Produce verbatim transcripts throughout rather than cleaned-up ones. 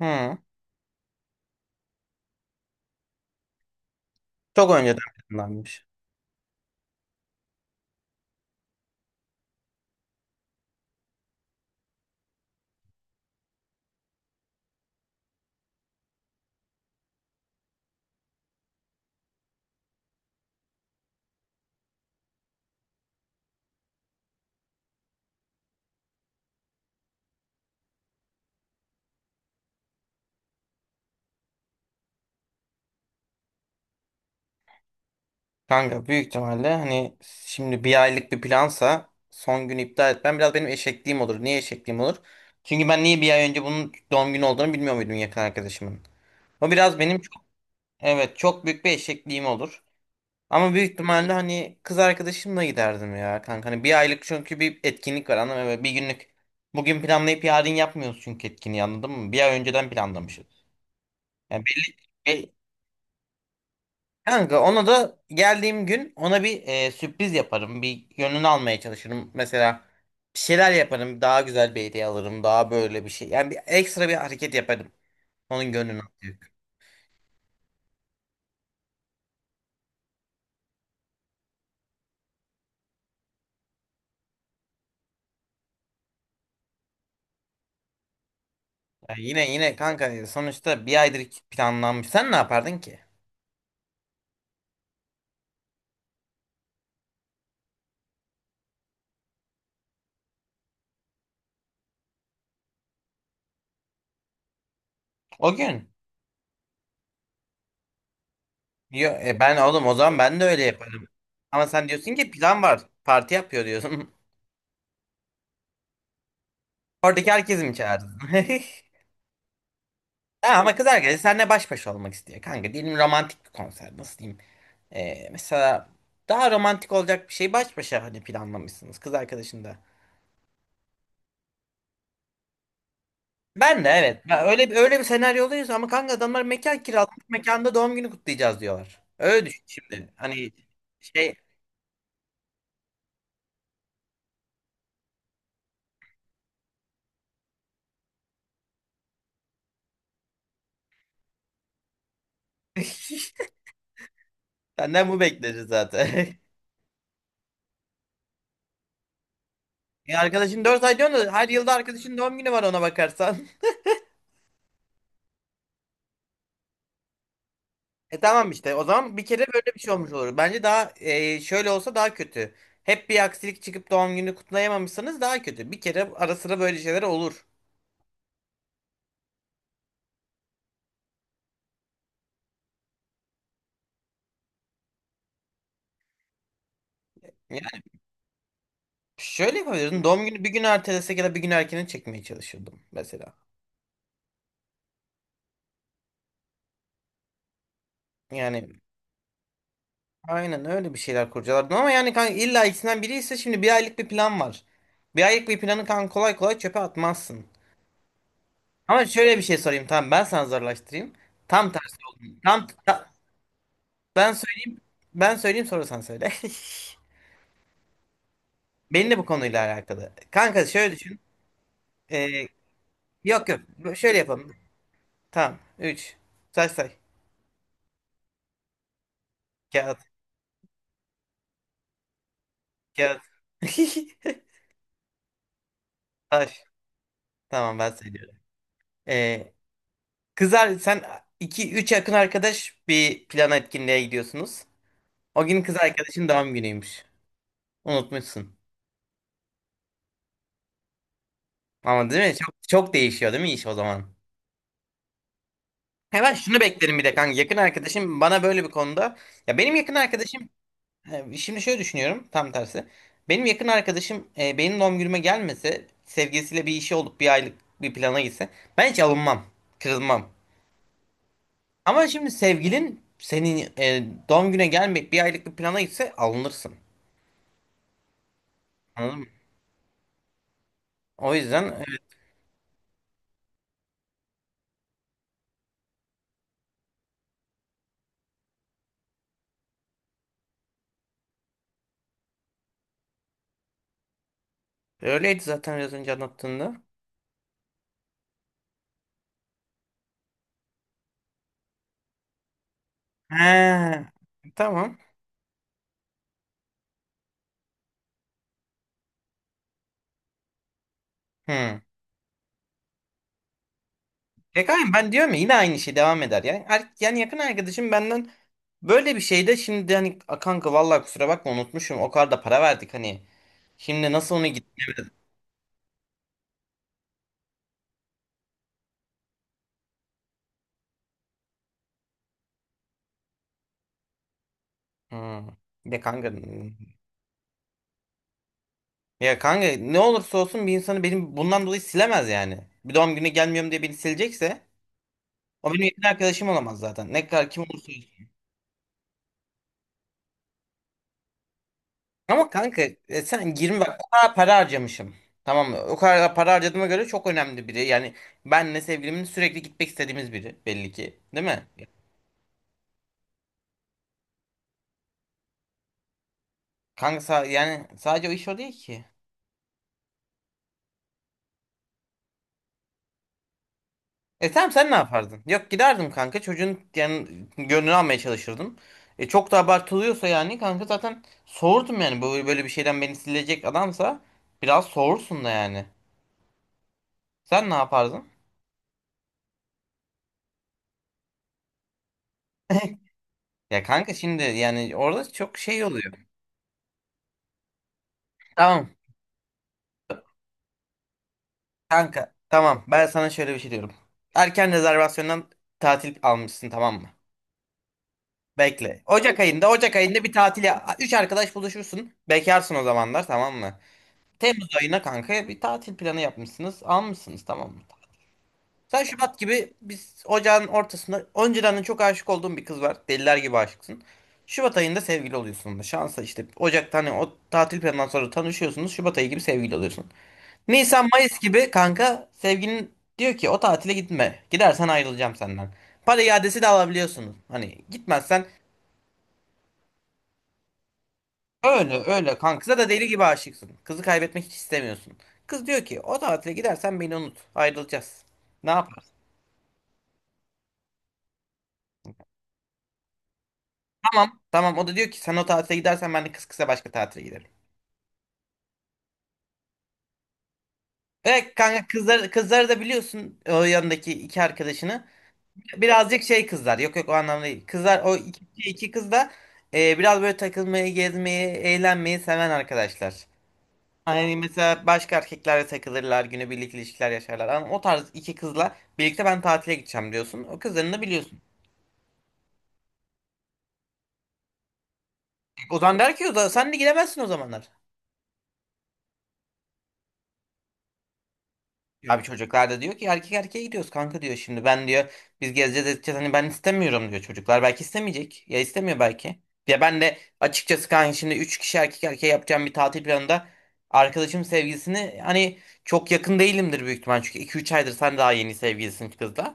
Hı. Çok önceden planlanmış. Kanka büyük ihtimalle hani şimdi bir aylık bir plansa son günü iptal etmem biraz benim eşekliğim olur. Niye eşekliğim olur? Çünkü ben niye bir ay önce bunun doğum günü olduğunu bilmiyor muydum yakın arkadaşımın. O biraz benim çok, evet çok büyük bir eşekliğim olur. Ama büyük ihtimalle hani kız arkadaşımla giderdim ya kanka. Hani bir aylık çünkü bir etkinlik var anladın mı? Böyle Bir günlük. Bugün planlayıp yarın yapmıyoruz çünkü etkinliği anladın mı? Bir ay önceden planlamışız. Yani belli, Kanka ona da geldiğim gün ona bir e, sürpriz yaparım. Bir gönlünü almaya çalışırım. Mesela bir şeyler yaparım. Daha güzel bir hediye alırım. Daha böyle bir şey. Yani bir ekstra bir hareket yaparım. Onun gönlünü alacak. Yani yine yine kanka e, sonuçta bir aydır planlanmış. Sen ne yapardın ki? O gün. Yo, e, ben oğlum o zaman ben de öyle yaparım. Ama sen diyorsun ki plan var. Parti yapıyor diyorsun. Oradaki herkesi mi çağırdın? Ha, ama kız arkadaşı seninle baş başa olmak istiyor. Kanka diyelim romantik bir konser. Nasıl diyeyim? Ee, mesela daha romantik olacak bir şey baş başa hani planlamışsınız kız arkadaşında. Ben de evet. Ya öyle bir öyle bir senaryodayız ama kanka adamlar mekan kiralamış, mekanda doğum günü kutlayacağız diyorlar. Öyle düşün şimdi. Hani şey senden bu bekleriz zaten. E arkadaşın dört ay diyorsun da her yılda arkadaşın doğum günü var ona bakarsan. E tamam işte o zaman bir kere böyle bir şey olmuş olur. Bence daha e, şöyle olsa daha kötü. Hep bir aksilik çıkıp doğum günü kutlayamamışsanız daha kötü. Bir kere ara sıra böyle şeyler olur. Şöyle yapabilirdim. Doğum günü bir gün ertelesek ya da bir gün erkene çekmeye çalışırdım mesela. Yani aynen öyle bir şeyler kurcalardım ama yani kanka illa ikisinden biri ise şimdi bir aylık bir plan var. Bir aylık bir planı kanka kolay kolay çöpe atmazsın. Ama şöyle bir şey sorayım, tamam ben sana zorlaştırayım. Tam tersi oldu. Tam ta- ben söyleyeyim. Ben söyleyeyim sonra sen söyle. Benim de bu konuyla alakalı. Kanka şöyle düşün. Ee, yok yok. Şöyle yapalım. Tamam. Üç. Say say. Kağıt. Kağıt. Taş. Tamam ben söylüyorum. Ee, kızar sen iki üç yakın arkadaş bir plana etkinliğe gidiyorsunuz. O gün kız arkadaşın doğum günüymüş. Unutmuşsun. Ama değil mi? Çok, çok değişiyor değil mi iş o zaman? Hemen şunu beklerim bir de kanka. Yakın arkadaşım bana böyle bir konuda. Ya benim yakın arkadaşım e, şimdi şöyle düşünüyorum tam tersi. Benim yakın arkadaşım e, benim doğum günüme gelmese sevgilisiyle bir işi olup bir aylık bir plana gitse ben hiç alınmam. Kırılmam. Ama şimdi sevgilin senin e, doğum güne gelmeyip bir aylık bir plana gitse alınırsın. Anladın mı? O yüzden evet, öyleydi zaten biraz önce anlattığında. He, tamam. Hı. Pekala ben diyorum ya yine aynı şey devam eder. Yani, er- yani yakın arkadaşım benden böyle bir şeyde şimdi hani "A kanka vallahi kusura bakma unutmuşum o kadar da para verdik hani. Şimdi nasıl onu git? Hı. De kanka ya kanka ne olursa olsun bir insanı benim bundan dolayı silemez yani. Bir doğum günü gelmiyorum diye beni silecekse o benim yakın arkadaşım olamaz zaten. Ne kadar kim olursa olsun. Ama kanka e, sen yirmi bak o kadar para harcamışım. Tamam mı? O kadar para harcadığıma göre çok önemli biri. Yani benle sevgilimin sürekli gitmek istediğimiz biri belli ki. Değil mi? Kanka sa- yani sadece o iş o değil ki. E tamam sen ne yapardın? Yok giderdim kanka çocuğun yani gönlünü almaya çalışırdım. E çok da abartılıyorsa yani kanka zaten soğurdum yani böyle böyle bir şeyden beni silecek adamsa biraz soğursun da yani. Sen ne yapardın? Ya kanka şimdi yani orada çok şey oluyor. Tamam kanka, tamam ben sana şöyle bir şey diyorum. Erken rezervasyondan tatil almışsın, tamam mı? Bekle. Ocak ayında Ocak ayında bir tatile üç arkadaş buluşursun. Bekarsın o zamanlar, tamam mı? Temmuz ayına kanka bir tatil planı yapmışsınız almışsınız, tamam mı? Sen Şubat gibi, biz ocağın ortasında önceden de çok aşık olduğun bir kız var. Deliler gibi aşıksın. Şubat ayında sevgili oluyorsun. Da şansa işte Ocak'tan hani o tatil planından sonra tanışıyorsunuz. Şubat ayı gibi sevgili oluyorsun. Nisan Mayıs gibi kanka sevgilin diyor ki o tatile gitme. Gidersen ayrılacağım senden. Para iadesi de alabiliyorsunuz. Hani gitmezsen öyle öyle kanka. Kıza da deli gibi aşıksın. Kızı kaybetmek hiç istemiyorsun. Kız diyor ki o tatile gidersen beni unut. Ayrılacağız. Ne yapar? Tamam. Tamam o da diyor ki sen o tatile gidersen ben de kız kıza başka tatile giderim. Evet kanka kızları, kızları da biliyorsun, o yanındaki iki arkadaşını. Birazcık şey kızlar. Yok yok, o anlamda değil. Kızlar o iki, iki kız da e, biraz böyle takılmayı, gezmeyi, eğlenmeyi seven arkadaşlar. Hani mesela başka erkeklerle takılırlar, günübirlik ilişkiler yaşarlar. Ama o tarz iki kızla birlikte ben tatile gideceğim diyorsun. O kızlarını da biliyorsun. E, O zaman der ki o zaman sen de gidemezsin o zamanlar. Abi çocuklar da diyor ki erkek erkeğe gidiyoruz kanka diyor, şimdi ben diyor biz gezeceğiz edeceğiz hani ben istemiyorum diyor, çocuklar belki istemeyecek ya istemiyor belki. Ya ben de açıkçası kanka şimdi üç kişi erkek erkeğe yapacağım bir tatil planında arkadaşım sevgilisini hani çok yakın değilimdir büyük ihtimal, çünkü iki üç aydır sen daha yeni sevgilisin kızla.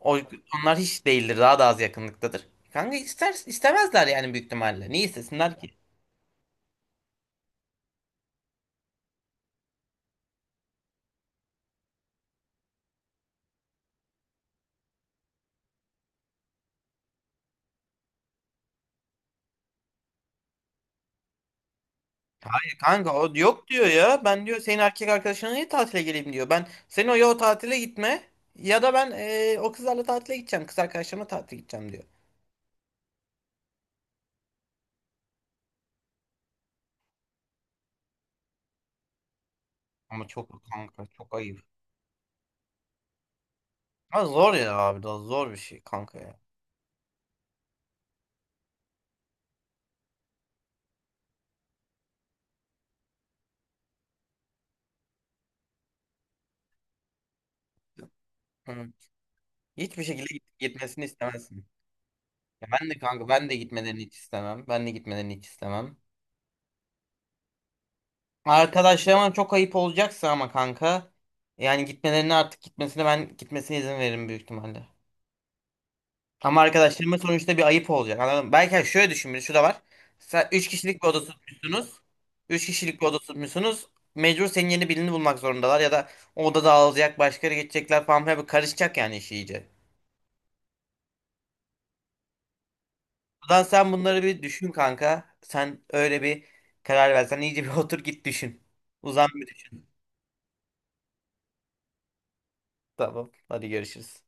O, onlar hiç değildir, daha da az yakınlıktadır. Kanka ister, istemezler yani, büyük ihtimalle niye istesinler ki? Kanka o yok diyor ya. Ben diyor senin erkek arkadaşına niye tatile geleyim diyor. Ben sen o ya o tatile gitme ya da ben e, o kızlarla tatile gideceğim. Kız arkadaşlarımla tatile gideceğim diyor. Ama çok kanka, çok ayıp. Ama zor ya abi, daha zor bir şey kanka ya. Hı. Hiçbir şekilde git- gitmesini istemezsin. Ya ben de kanka, ben de gitmelerini hiç istemem. Ben de gitmelerini hiç istemem. Arkadaşlarıma çok ayıp olacaksa ama kanka yani gitmelerine artık gitmesine ben gitmesine izin veririm büyük ihtimalle. Ama arkadaşlarıma sonuçta bir ayıp olacak. Anladın mı? Belki hani şöyle düşün, bir şu da var. Sen üç kişilik bir oda tutmuşsunuz. üç kişilik bir oda tutmuşsunuz. Mecbur senin yeni birini bulmak zorundalar ya da o oda dağılacak, başkaları geçecekler falan filan, bir karışacak yani iş iyice. Ulan sen bunları bir düşün kanka. Sen öyle bir karar versen iyice bir otur git düşün. Uzan bir düşün. Tamam. Hadi görüşürüz.